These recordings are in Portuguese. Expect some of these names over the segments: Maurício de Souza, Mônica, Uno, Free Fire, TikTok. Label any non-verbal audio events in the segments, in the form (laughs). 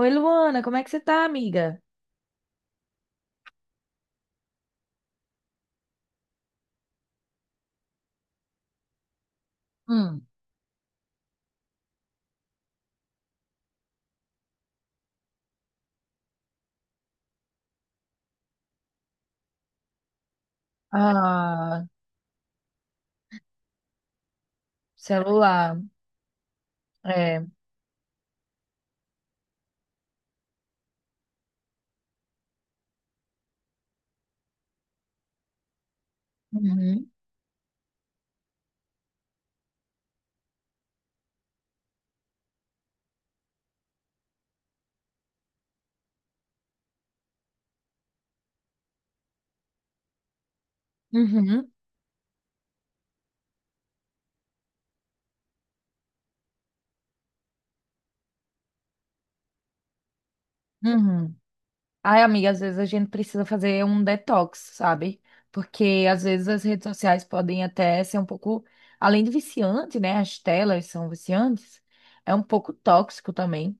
Oi, Luana, como é que você tá, amiga? Hum. Ah, celular. É. Uhum. Uhum. Uhum. Ai, amiga, às vezes a gente precisa fazer um detox, sabe? Porque às vezes as redes sociais podem até ser um pouco, além de viciante, né? As telas são viciantes, é um pouco tóxico também.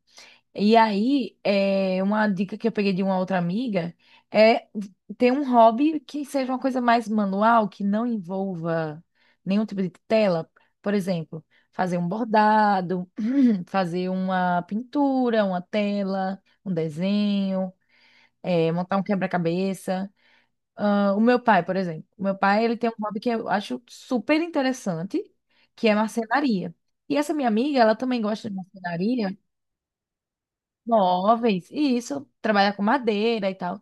E aí, uma dica que eu peguei de uma outra amiga é ter um hobby que seja uma coisa mais manual, que não envolva nenhum tipo de tela. Por exemplo, fazer um bordado, (clears throat) fazer uma pintura, uma tela, um desenho, montar um quebra-cabeça. Ah, o meu pai, por exemplo, o meu pai ele tem um hobby que eu acho super interessante, que é marcenaria. E essa minha amiga, ela também gosta de marcenaria móveis, e isso, trabalhar com madeira e tal.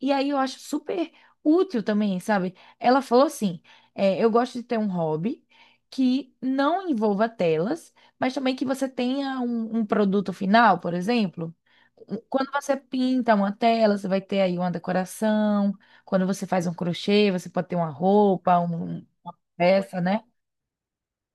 E aí eu acho super útil também, sabe? Ela falou assim: é, eu gosto de ter um hobby que não envolva telas, mas também que você tenha um produto final, por exemplo. Um- Quando você pinta uma tela, você vai ter aí uma decoração. Quando você faz um crochê, você pode ter uma roupa, um- uma peça, né?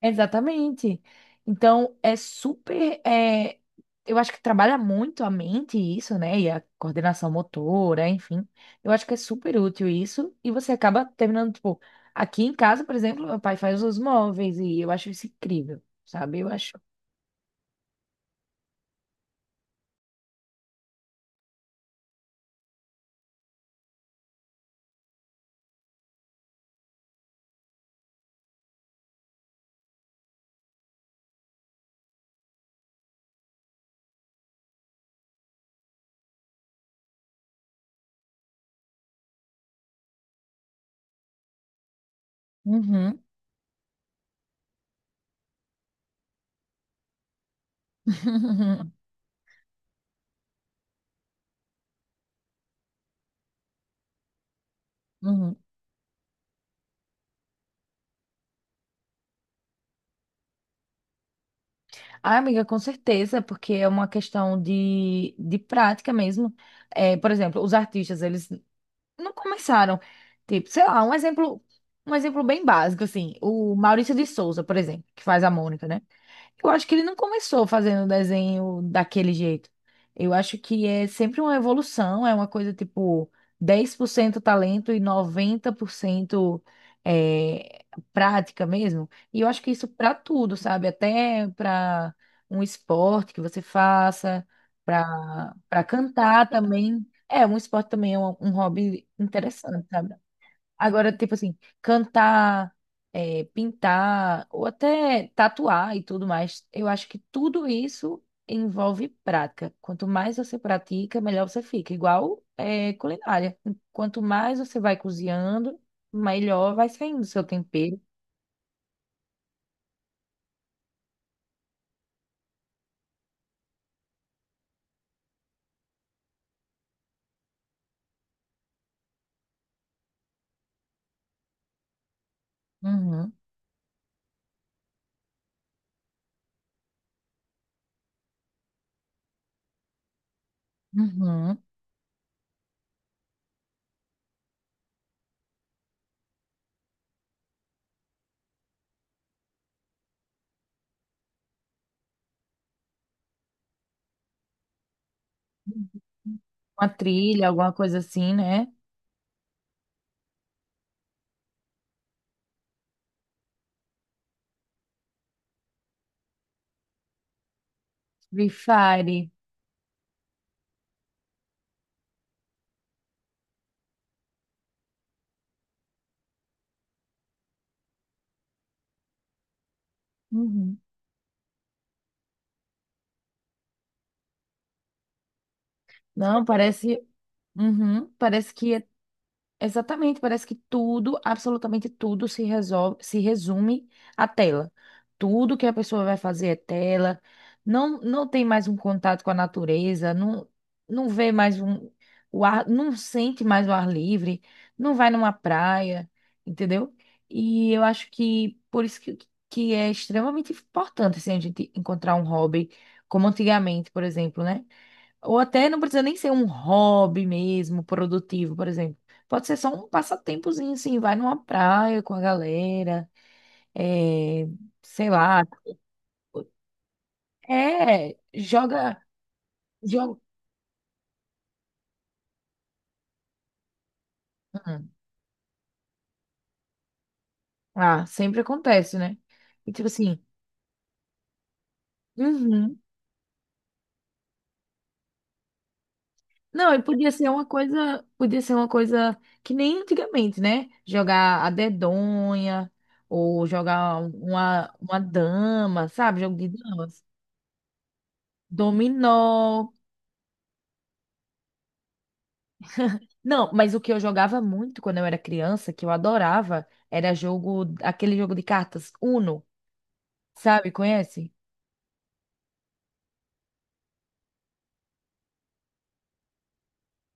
Exatamente. Então, é super. Eu acho que trabalha muito a mente isso, né? E a coordenação motora, enfim. Eu acho que é super útil isso. E você acaba terminando, tipo, aqui em casa, por exemplo, meu pai faz os móveis e eu acho isso incrível, sabe? Eu acho. Uhum. (laughs) Uhum. Ah, amiga, com certeza, porque é uma questão de prática mesmo. É, por exemplo, os artistas, eles não começaram. Tipo, sei lá, um exemplo bem básico, assim, o Maurício de Souza, por exemplo, que faz a Mônica, né? Eu acho que ele não começou fazendo desenho daquele jeito. Eu acho que é sempre uma evolução, é uma coisa tipo 10% talento e 90% é, prática mesmo. E eu acho que isso para tudo, sabe? Até para um esporte que você faça, para cantar também. É, um esporte também é um hobby interessante, sabe? Agora, tipo assim, cantar, pintar, ou até tatuar e tudo mais, eu acho que tudo isso envolve prática. Quanto mais você pratica, melhor você fica. Igual, é culinária. Quanto mais você vai cozinhando, melhor vai saindo o seu tempero. Uhum, uhum. Uma trilha, alguma coisa assim, né? Free Fire. Uhum. Não, parece. Uhum, parece que é exatamente, parece que tudo, absolutamente tudo se resolve, se resume à tela. Tudo que a pessoa vai fazer é tela. Não, não tem mais um contato com a natureza, não, não vê mais um, o ar, não sente mais o ar livre, não vai numa praia, entendeu? E eu acho que por isso que é extremamente importante assim, a gente encontrar um hobby, como antigamente, por exemplo, né? Ou até não precisa nem ser um hobby mesmo, produtivo, por exemplo. Pode ser só um passatempozinho, assim, vai numa praia com a galera, é, sei lá, é, joga, joga. Hum. Ah, sempre acontece, né? E tipo assim, uhum. Não, e podia ser uma coisa, podia ser uma coisa que nem antigamente, né? Jogar a dedonha, ou jogar uma dama, sabe? Jogo de damas. Dominó. Não, mas o que eu jogava muito quando eu era criança, que eu adorava, era jogo, aquele jogo de cartas Uno, sabe? Conhece?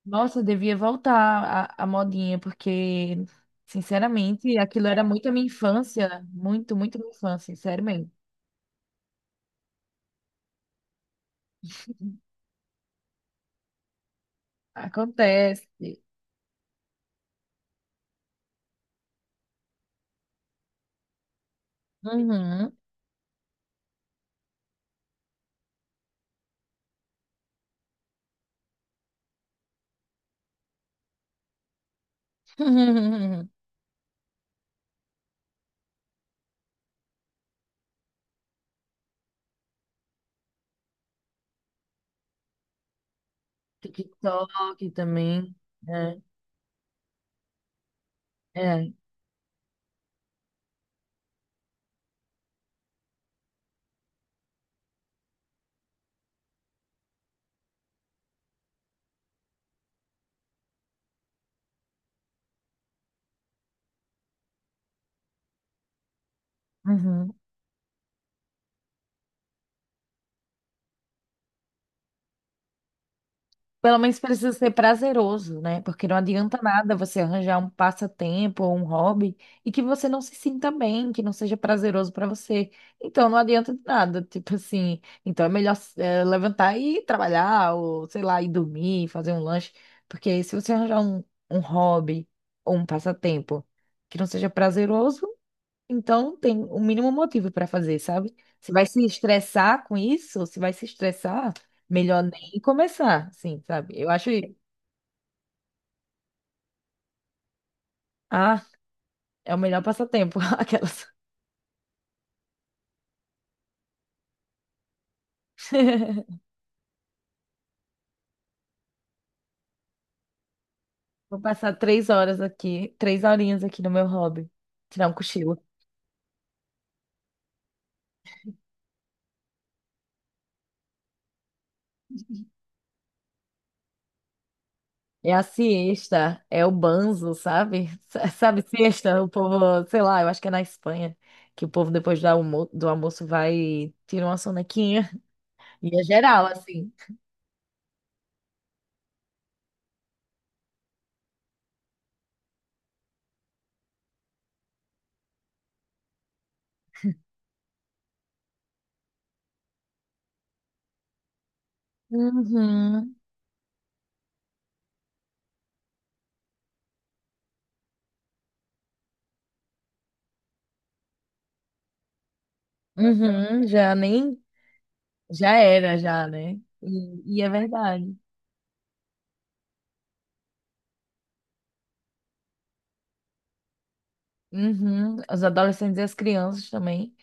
Nossa, eu devia voltar a modinha, porque, sinceramente, aquilo era muito a minha infância, muito, muito minha infância, sério mesmo. Acontece. Uhum. (laughs) TikTok também, é, é. Uhum. Pelo menos precisa ser prazeroso, né? Porque não adianta nada você arranjar um passatempo ou um hobby e que você não se sinta bem, que não seja prazeroso para você. Então não adianta de nada, tipo assim. Então é melhor levantar e ir trabalhar, ou sei lá, ir dormir, fazer um lanche. Porque se você arranjar um hobby ou um passatempo que não seja prazeroso, então tem o mínimo motivo para fazer, sabe? Você vai se estressar com isso? Se vai se estressar, melhor nem começar, sim, sabe? Eu acho, isso. Ah, é o melhor passatempo, (laughs) aquelas. (laughs) Vou passar 3 horas aqui, três horinhas aqui no meu hobby, tirar um cochilo. É a siesta, é o banzo, sabe? S- Sabe, siesta, o povo, sei lá, eu acho que é na Espanha, que o povo depois do almo- do almoço vai tirar uma sonequinha. (laughs) E é geral, assim. Uhum. Uhum, já nem já era já, né? E é verdade. Uhum, os adolescentes e as crianças também.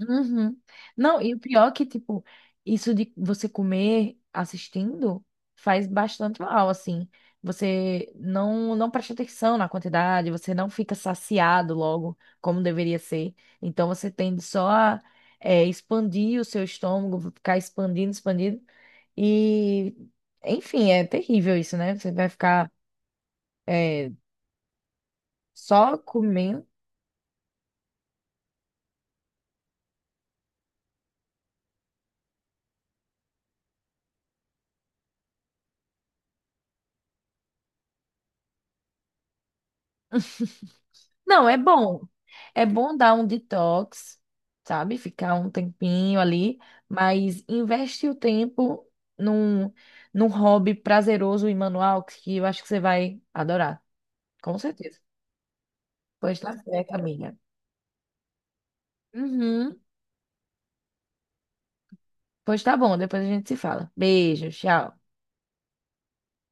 Uhum. Não, e o pior é que, tipo, isso de você comer assistindo faz bastante mal, assim. Você não, não presta atenção na quantidade, você não fica saciado logo, como deveria ser. Então você tende só a expandir o seu estômago, ficar expandindo, expandindo. E, enfim, é terrível isso, né? Você vai ficar é, só comendo. Não, é bom. É bom dar um detox, sabe? Ficar um tempinho ali, mas investe o tempo num, num hobby prazeroso e manual que eu acho que você vai adorar, com certeza. Pois tá certo, amiga. Uhum. Pois tá bom, depois a gente se fala. Beijo, tchau.